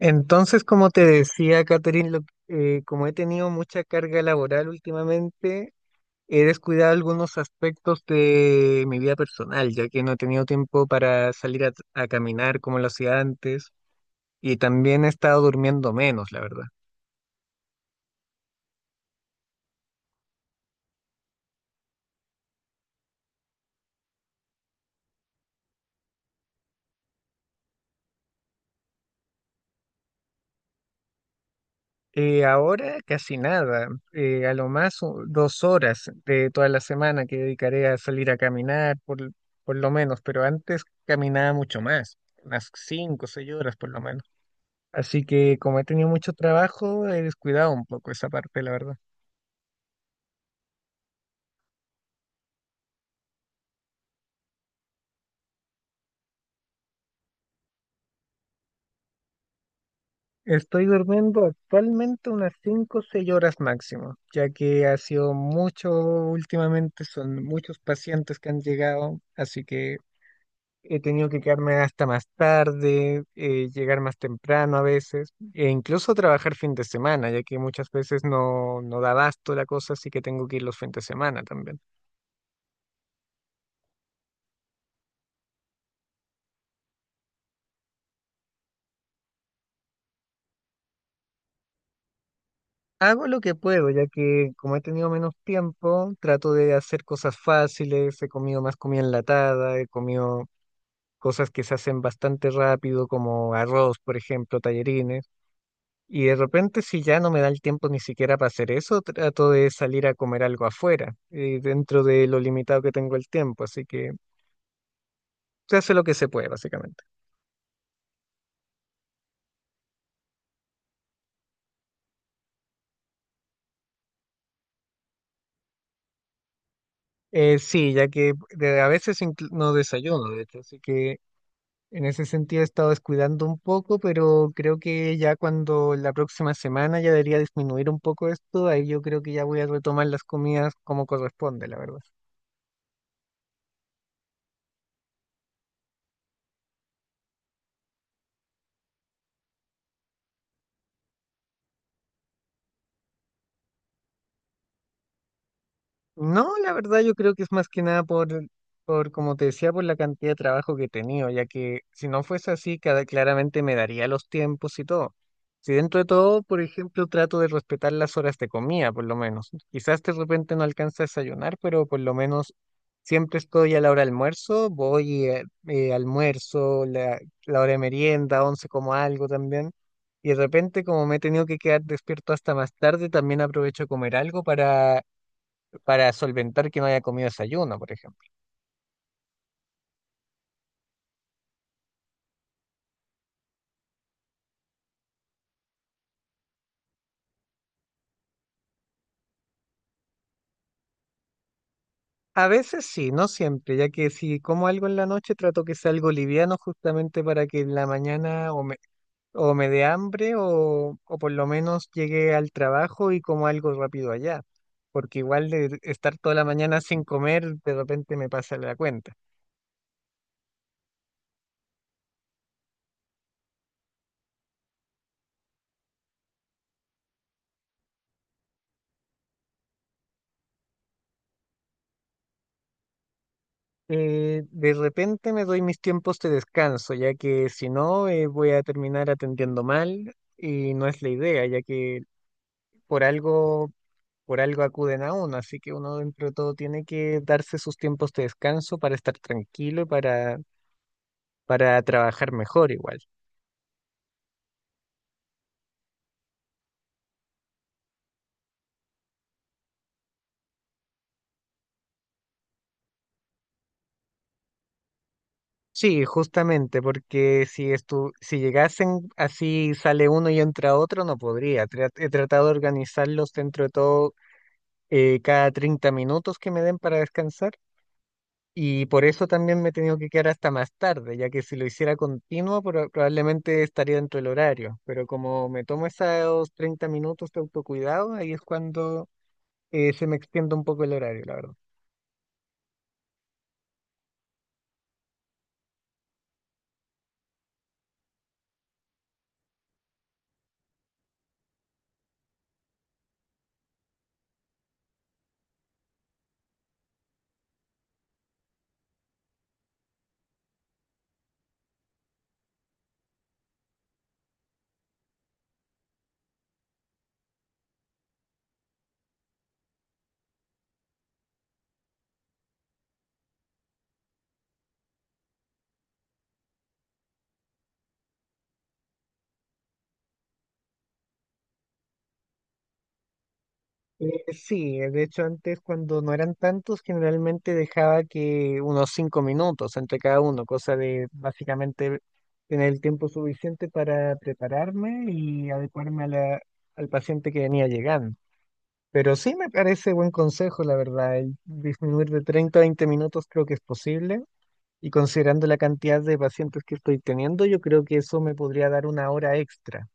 Entonces, como te decía, Catherine, como he tenido mucha carga laboral últimamente, he descuidado algunos aspectos de mi vida personal, ya que no he tenido tiempo para salir a caminar como lo hacía antes, y también he estado durmiendo menos, la verdad. Ahora casi nada, a lo más u- dos horas de toda la semana que dedicaré a salir a caminar, por lo menos, pero antes caminaba mucho más, unas 5 o 6 horas por lo menos. Así que como he tenido mucho trabajo, he descuidado un poco esa parte, la verdad. Estoy durmiendo actualmente unas 5 o 6 horas máximo, ya que ha sido mucho últimamente, son muchos pacientes que han llegado, así que he tenido que quedarme hasta más tarde, llegar más temprano a veces, e incluso trabajar fin de semana, ya que muchas veces no da abasto la cosa, así que tengo que ir los fines de semana también. Hago lo que puedo, ya que como he tenido menos tiempo, trato de hacer cosas fáciles, he comido más comida enlatada, he comido cosas que se hacen bastante rápido, como arroz, por ejemplo, tallarines, y de repente si ya no me da el tiempo ni siquiera para hacer eso, trato de salir a comer algo afuera, dentro de lo limitado que tengo el tiempo, así que se hace lo que se puede, básicamente. Sí, ya que no desayuno, de hecho, así que en ese sentido he estado descuidando un poco, pero creo que ya cuando la próxima semana ya debería disminuir un poco esto, ahí yo creo que ya voy a retomar las comidas como corresponde, la verdad. No, la verdad yo creo que es más que nada como te decía, por la cantidad de trabajo que he tenido, ya que si no fuese así, cada, claramente me daría los tiempos y todo. Si dentro de todo, por ejemplo, trato de respetar las horas de comida, por lo menos. Quizás de repente no alcanza a desayunar, pero por lo menos siempre estoy a la hora de almuerzo, voy almuerzo, la hora de merienda, once como algo también. Y de repente, como me he tenido que quedar despierto hasta más tarde, también aprovecho a comer algo para solventar que no haya comido desayuno, por ejemplo. A veces sí, no siempre, ya que si como algo en la noche trato que sea algo liviano justamente para que en la mañana o me dé hambre o por lo menos llegue al trabajo y como algo rápido allá, porque igual de estar toda la mañana sin comer de repente me pasa la cuenta. De repente me doy mis tiempos de descanso, ya que si no voy a terminar atendiendo mal y no es la idea, ya que por algo por algo acuden a uno, así que uno dentro de todo tiene que darse sus tiempos de descanso para estar tranquilo para trabajar mejor igual. Sí, justamente, porque si llegasen así sale uno y entra otro, no podría. He tratado de organizarlos dentro de todo cada 30 minutos que me den para descansar. Y por eso también me he tenido que quedar hasta más tarde, ya que si lo hiciera continuo, probablemente estaría dentro del horario. Pero como me tomo esos 30 minutos de autocuidado, ahí es cuando se me extiende un poco el horario, la verdad. Sí, de hecho antes cuando no eran tantos, generalmente dejaba que unos 5 minutos entre cada uno, cosa de básicamente tener el tiempo suficiente para prepararme y adecuarme al paciente que venía llegando. Pero sí me parece buen consejo, la verdad. El disminuir de 30 a 20 minutos creo que es posible. Y considerando la cantidad de pacientes que estoy teniendo, yo creo que eso me podría dar una hora extra,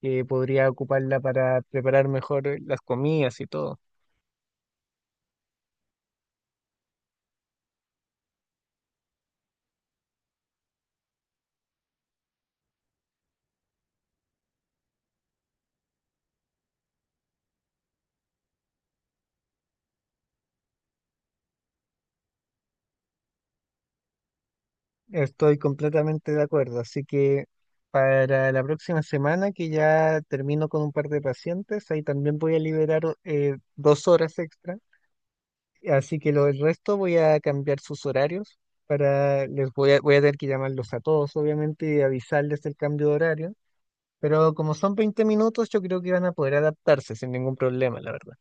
que podría ocuparla para preparar mejor las comidas y todo. Estoy completamente de acuerdo. Así que para la próxima semana, que ya termino con un par de pacientes, ahí también voy a liberar dos horas extra. Así que lo del resto voy a cambiar sus horarios, para voy a tener que llamarlos a todos, obviamente, y avisarles el cambio de horario. Pero como son 20 minutos, yo creo que van a poder adaptarse sin ningún problema, la verdad.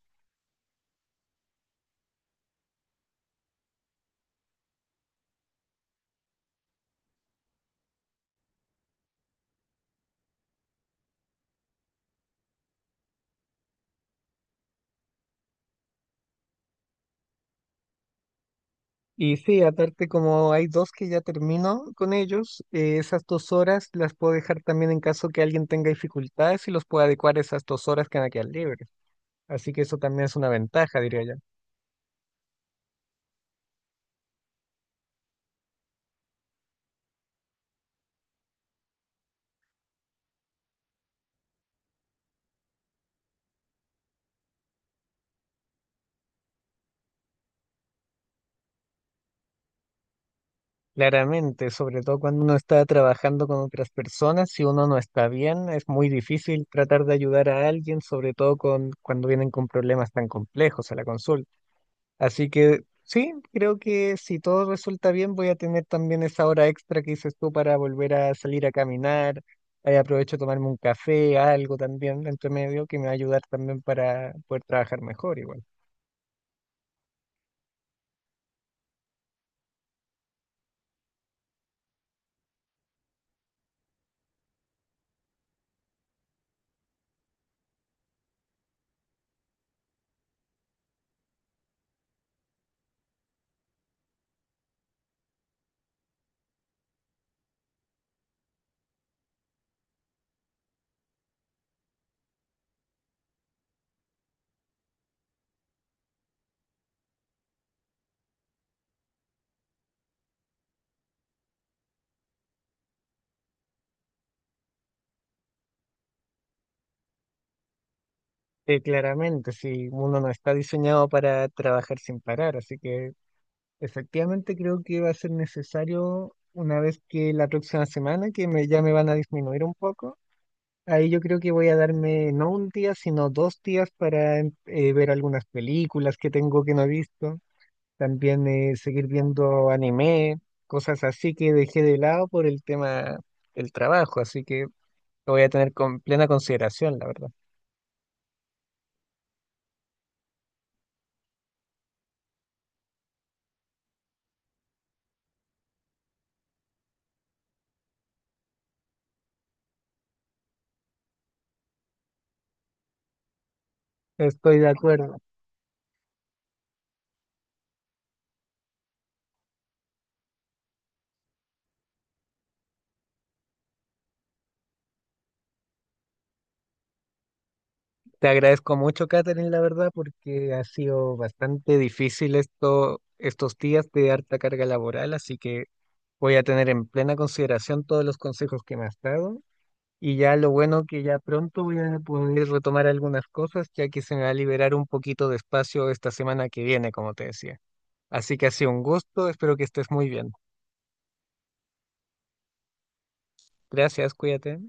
Y sí, aparte como hay dos que ya termino con ellos, esas dos horas las puedo dejar también en caso que alguien tenga dificultades y los puedo adecuar a esas dos horas que van a quedar libres. Así que eso también es una ventaja, diría yo. Claramente, sobre todo cuando uno está trabajando con otras personas, si uno no está bien, es muy difícil tratar de ayudar a alguien, sobre todo cuando vienen con problemas tan complejos a la consulta. Así que sí, creo que si todo resulta bien, voy a tener también esa hora extra que dices tú para volver a salir a caminar. Aprovecho de tomarme un café, algo también entre medio que me va a ayudar también para poder trabajar mejor igual. Claramente, si uno no está diseñado para trabajar sin parar, así que efectivamente, creo que va a ser necesario una vez que la próxima semana, ya me van a disminuir un poco, ahí yo creo que voy a darme no un día, sino dos días para ver algunas películas que tengo que no he visto, también seguir viendo anime, cosas así que dejé de lado por el tema del trabajo, así que lo voy a tener con plena consideración, la verdad. Estoy de acuerdo. Te agradezco mucho, Catherine, la verdad, porque ha sido bastante difícil esto, estos días de harta carga laboral, así que voy a tener en plena consideración todos los consejos que me has dado. Y ya lo bueno que ya pronto voy a poder retomar algunas cosas, ya que se me va a liberar un poquito de espacio esta semana que viene, como te decía. Así que ha sido un gusto, espero que estés muy bien. Gracias, cuídate.